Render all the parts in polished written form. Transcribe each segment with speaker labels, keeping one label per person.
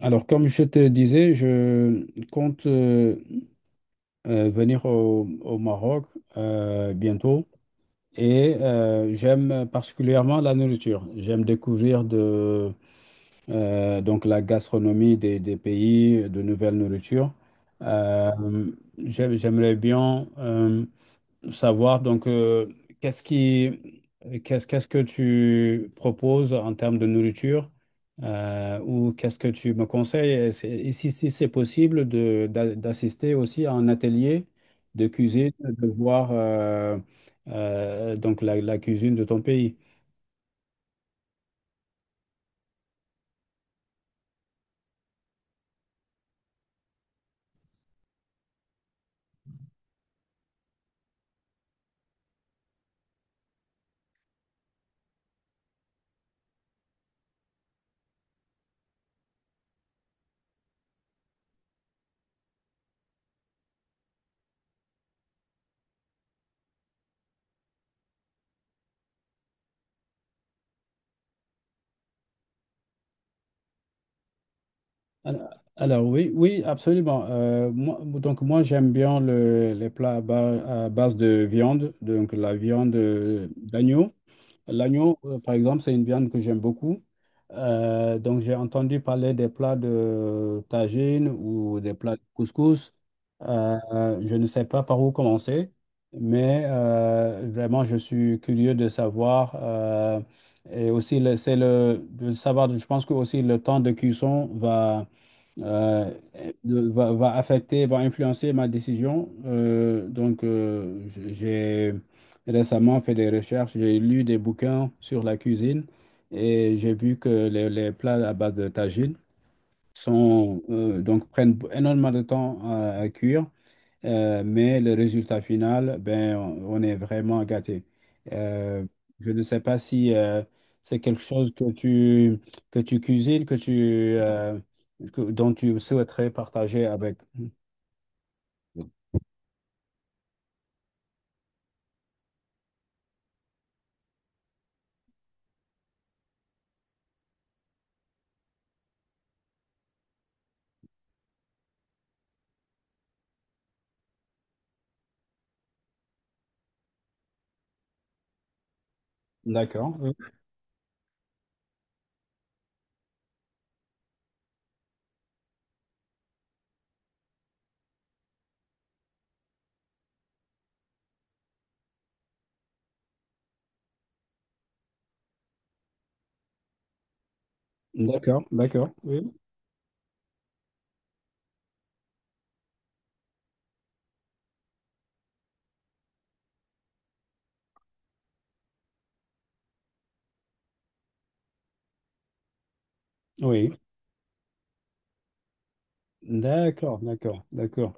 Speaker 1: Alors, comme je te disais, je compte venir au Maroc bientôt, et j'aime particulièrement la nourriture. J'aime découvrir donc la gastronomie des pays, de nouvelles nourritures. Euh, j'aimerais bien savoir donc qu'est-ce qui qu'est-ce qu'est-ce que tu proposes en termes de nourriture ou qu'est-ce que tu me conseilles et si, si c'est possible de d'assister aussi à un atelier de cuisine, de voir donc la cuisine de ton pays. Alors, absolument. Moi, j'aime bien les plats à base de viande, donc la viande d'agneau. L'agneau, par exemple, c'est une viande que j'aime beaucoup. Donc j'ai entendu parler des plats de tagine ou des plats de couscous. Euh, je ne sais pas par où commencer, mais vraiment je suis curieux de savoir. Et aussi, c'est le de savoir, je pense que aussi le temps de cuisson va euh, va affecter, va influencer ma décision. J'ai récemment fait des recherches, j'ai lu des bouquins sur la cuisine et j'ai vu que les plats à base de tagine sont, donc prennent énormément de temps à cuire. Mais le résultat final, ben, on est vraiment gâté. Euh, je ne sais pas si c'est quelque chose que tu cuisines, dont tu souhaiterais partager avec. D'accord, oui. D'accord, d'accord, oui. Oui, d'accord, d'accord, d'accord.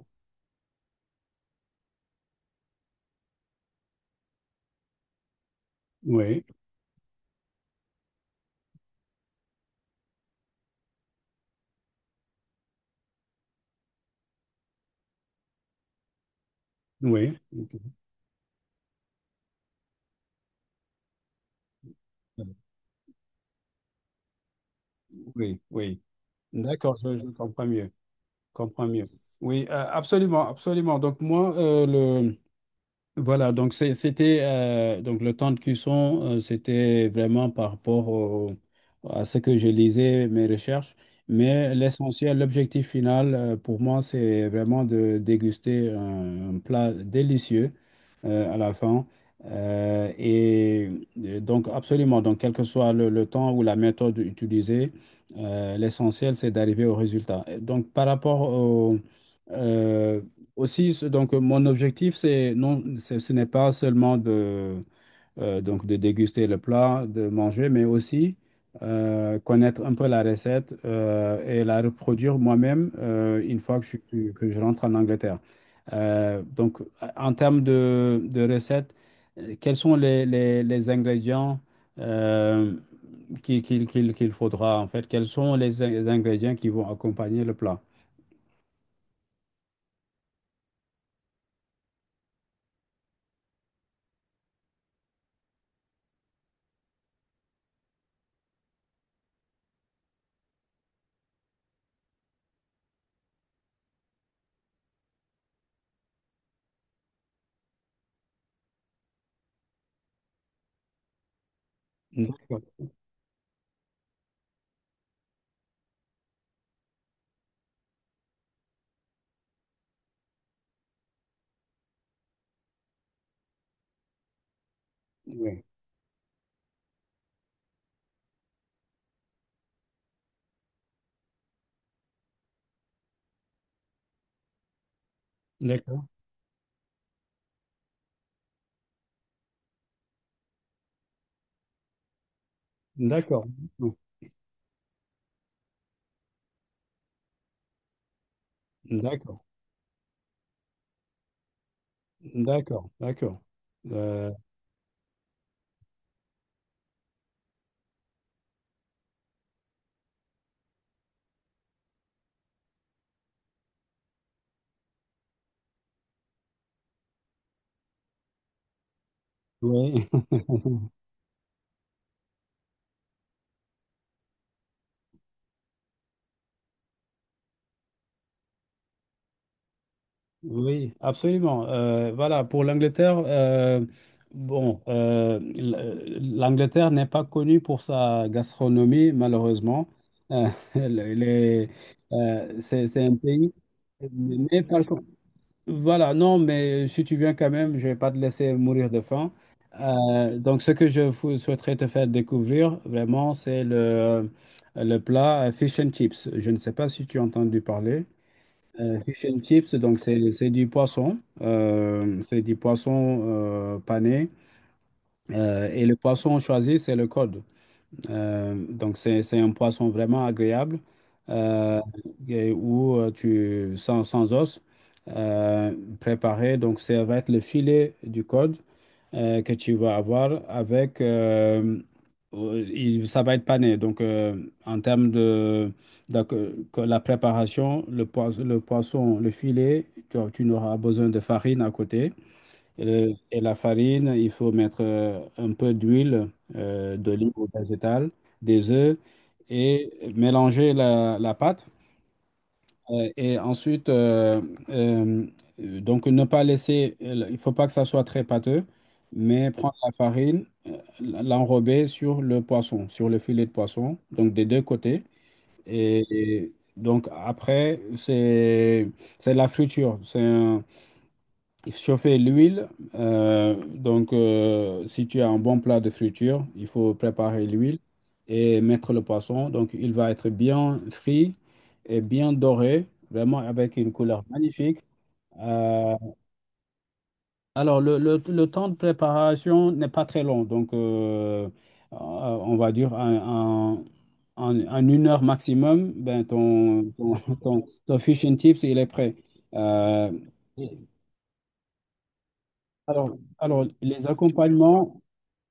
Speaker 1: Oui, oui, oui, oui. D'accord, je comprends mieux, comprends mieux. Oui, absolument, absolument. Donc moi, Voilà, donc c'est- c'était donc le temps de cuisson, c'était vraiment par rapport à ce que je lisais, mes recherches. Mais l'essentiel, l'objectif final pour moi, c'est vraiment de déguster un plat délicieux à la fin. Euh, et et donc absolument, donc quel que soit le temps ou la méthode utilisée, l'essentiel, c'est d'arriver au résultat. Et donc par rapport au... euh, mon objectif, c'est non, ce ce n'est pas seulement de, donc de déguster le plat, de manger, mais aussi connaître un peu la recette et la reproduire moi-même une fois que je rentre en Angleterre. Donc, en termes de recettes, quels sont les ingrédients euh, qu'il faudra, en fait? Quels sont les ingrédients qui vont accompagner le plat? D'accord. Oui. D'accord. D'accord. D'accord, d'accord, d'accord. Euh, oui, oui, absolument. Voilà, pour l'Angleterre, bon, l'Angleterre n'est pas connue pour sa gastronomie, malheureusement. Euh, les- les- c'est un pays, mais par, Voilà, non, mais si tu viens quand même, je vais pas te laisser mourir de faim. Donc, ce que je vous souhaiterais te faire découvrir, vraiment, le plat fish and chips. Je ne sais pas si tu as entendu parler. Fish and chips, donc, c'est du poisson. C'est du poisson pané. Et le poisson choisi, c'est le cod. Donc, c'est un poisson vraiment agréable euh, et où tu, sans os, euh, préparé. Donc, ça va être le filet du code que tu vas avoir avec. Ça va être pané. Donc, en termes de, donc, que la préparation, le filet, tu n'auras besoin de farine à côté. Et la farine, il faut mettre un peu d'huile d'olive ou végétale, des œufs et mélanger la pâte. Ensuite, euh, donc ne pas laisser, il faut pas que ça soit très pâteux, mais prendre la farine, l'enrober sur le poisson, sur le filet de poisson, donc des deux côtés. Et donc après, c'est la friture. Chauffer l'huile. Si tu as un bon plat de friture, il faut préparer l'huile et mettre le poisson. Donc, il va être bien frit et bien doré, vraiment avec une couleur magnifique. Euh, alors, le temps de préparation n'est pas très long. Donc, on va dire en une heure maximum, ben, ton fish and chips, il est prêt. Euh, alors, les accompagnements,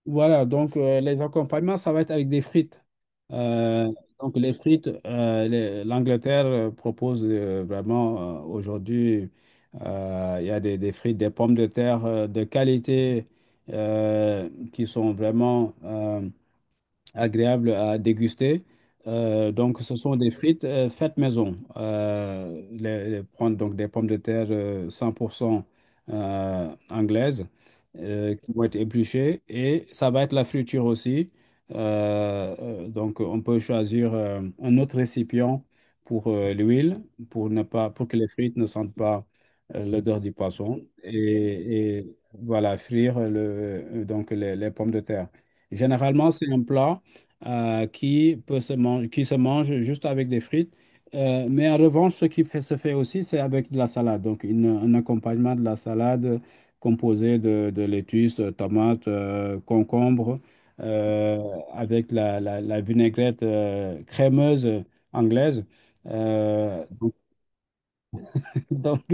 Speaker 1: voilà, donc les accompagnements, ça va être avec des frites. Euh, donc, les frites, l'Angleterre propose vraiment aujourd'hui, il y a des frites, des pommes de terre de qualité qui sont vraiment agréable à déguster. Donc, ce sont des frites faites maison. Prendre donc des pommes de terre 100% anglaises qui vont être épluchées et ça va être la friture aussi. Donc, on peut choisir un autre récipient pour l'huile pour ne pas pour que les frites ne sentent pas l'odeur du poisson et voilà frire donc les les pommes de terre. Généralement, c'est un plat qui se mange juste avec des frites. Mais en revanche, ce qui se fait aussi, c'est avec de la salade. Donc, un accompagnement de la salade composé de lettuce, de tomates, concombres, euh, avec la vinaigrette crémeuse anglaise. Euh, donc, donc,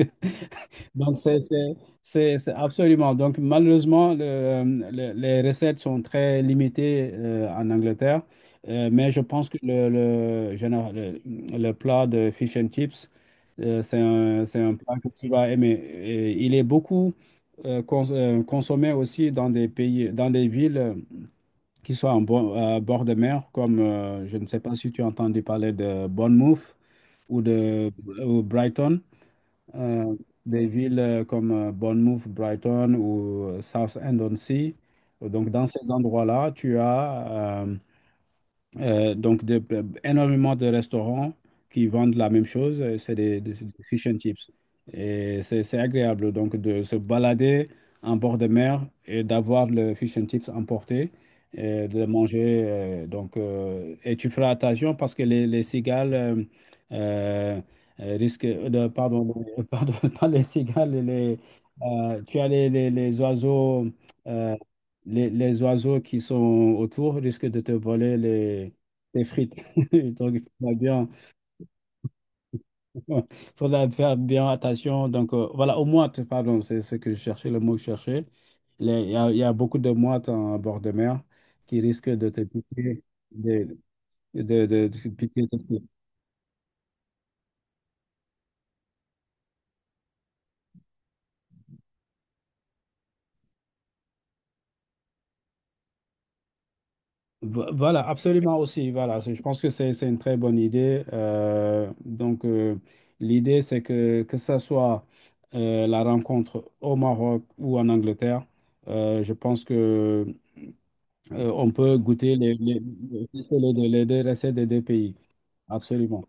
Speaker 1: donc, c'est c'est- c'est absolument. Donc, malheureusement, les recettes sont très limitées en Angleterre. Mais je pense que le plat de fish and chips, c'est c'est un plat que tu vas aimer. Et il est beaucoup consommé aussi dans des pays, dans des villes qui sont à bord de mer, comme je ne sais pas si tu as entendu parler de Bournemouth ou de ou Brighton. Euh, des villes comme Bournemouth, Brighton ou Southend-on-Sea. Donc, dans ces endroits-là, tu as donc énormément de restaurants qui vendent la même chose, c'est des fish and chips. Et c'est agréable, donc, de se balader en bord de mer et d'avoir le fish and chips emporté, et de le manger. Et tu feras attention parce que les cigales euh, risquent de... Pardon, pardon, pas les cigales, tu as les oiseaux... euh, les oiseaux qui sont autour risquent de te voler des frites. Donc, il faudra bien, faudra faire bien attention. Donc, voilà, aux mouettes, pardon, c'est ce que je cherchais, le mot que je cherchais. Il y a beaucoup de mouettes en bord de mer qui risquent de te piquer. De, de te piquer tes pieds. Voilà, absolument aussi. Voilà, je pense que c'est une très bonne idée. L'idée, c'est que ça soit la rencontre au Maroc ou en Angleterre, je pense que on peut goûter les les deux recettes des deux pays. Absolument.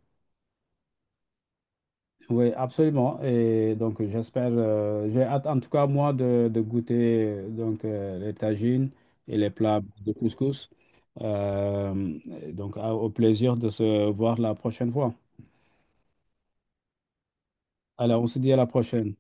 Speaker 1: Oui, absolument. Et donc, j'espère, j'ai hâte, en tout cas, moi, de goûter les tagines et les plats de couscous. Euh, donc, au plaisir de se voir la prochaine fois. Alors, on se dit à la prochaine.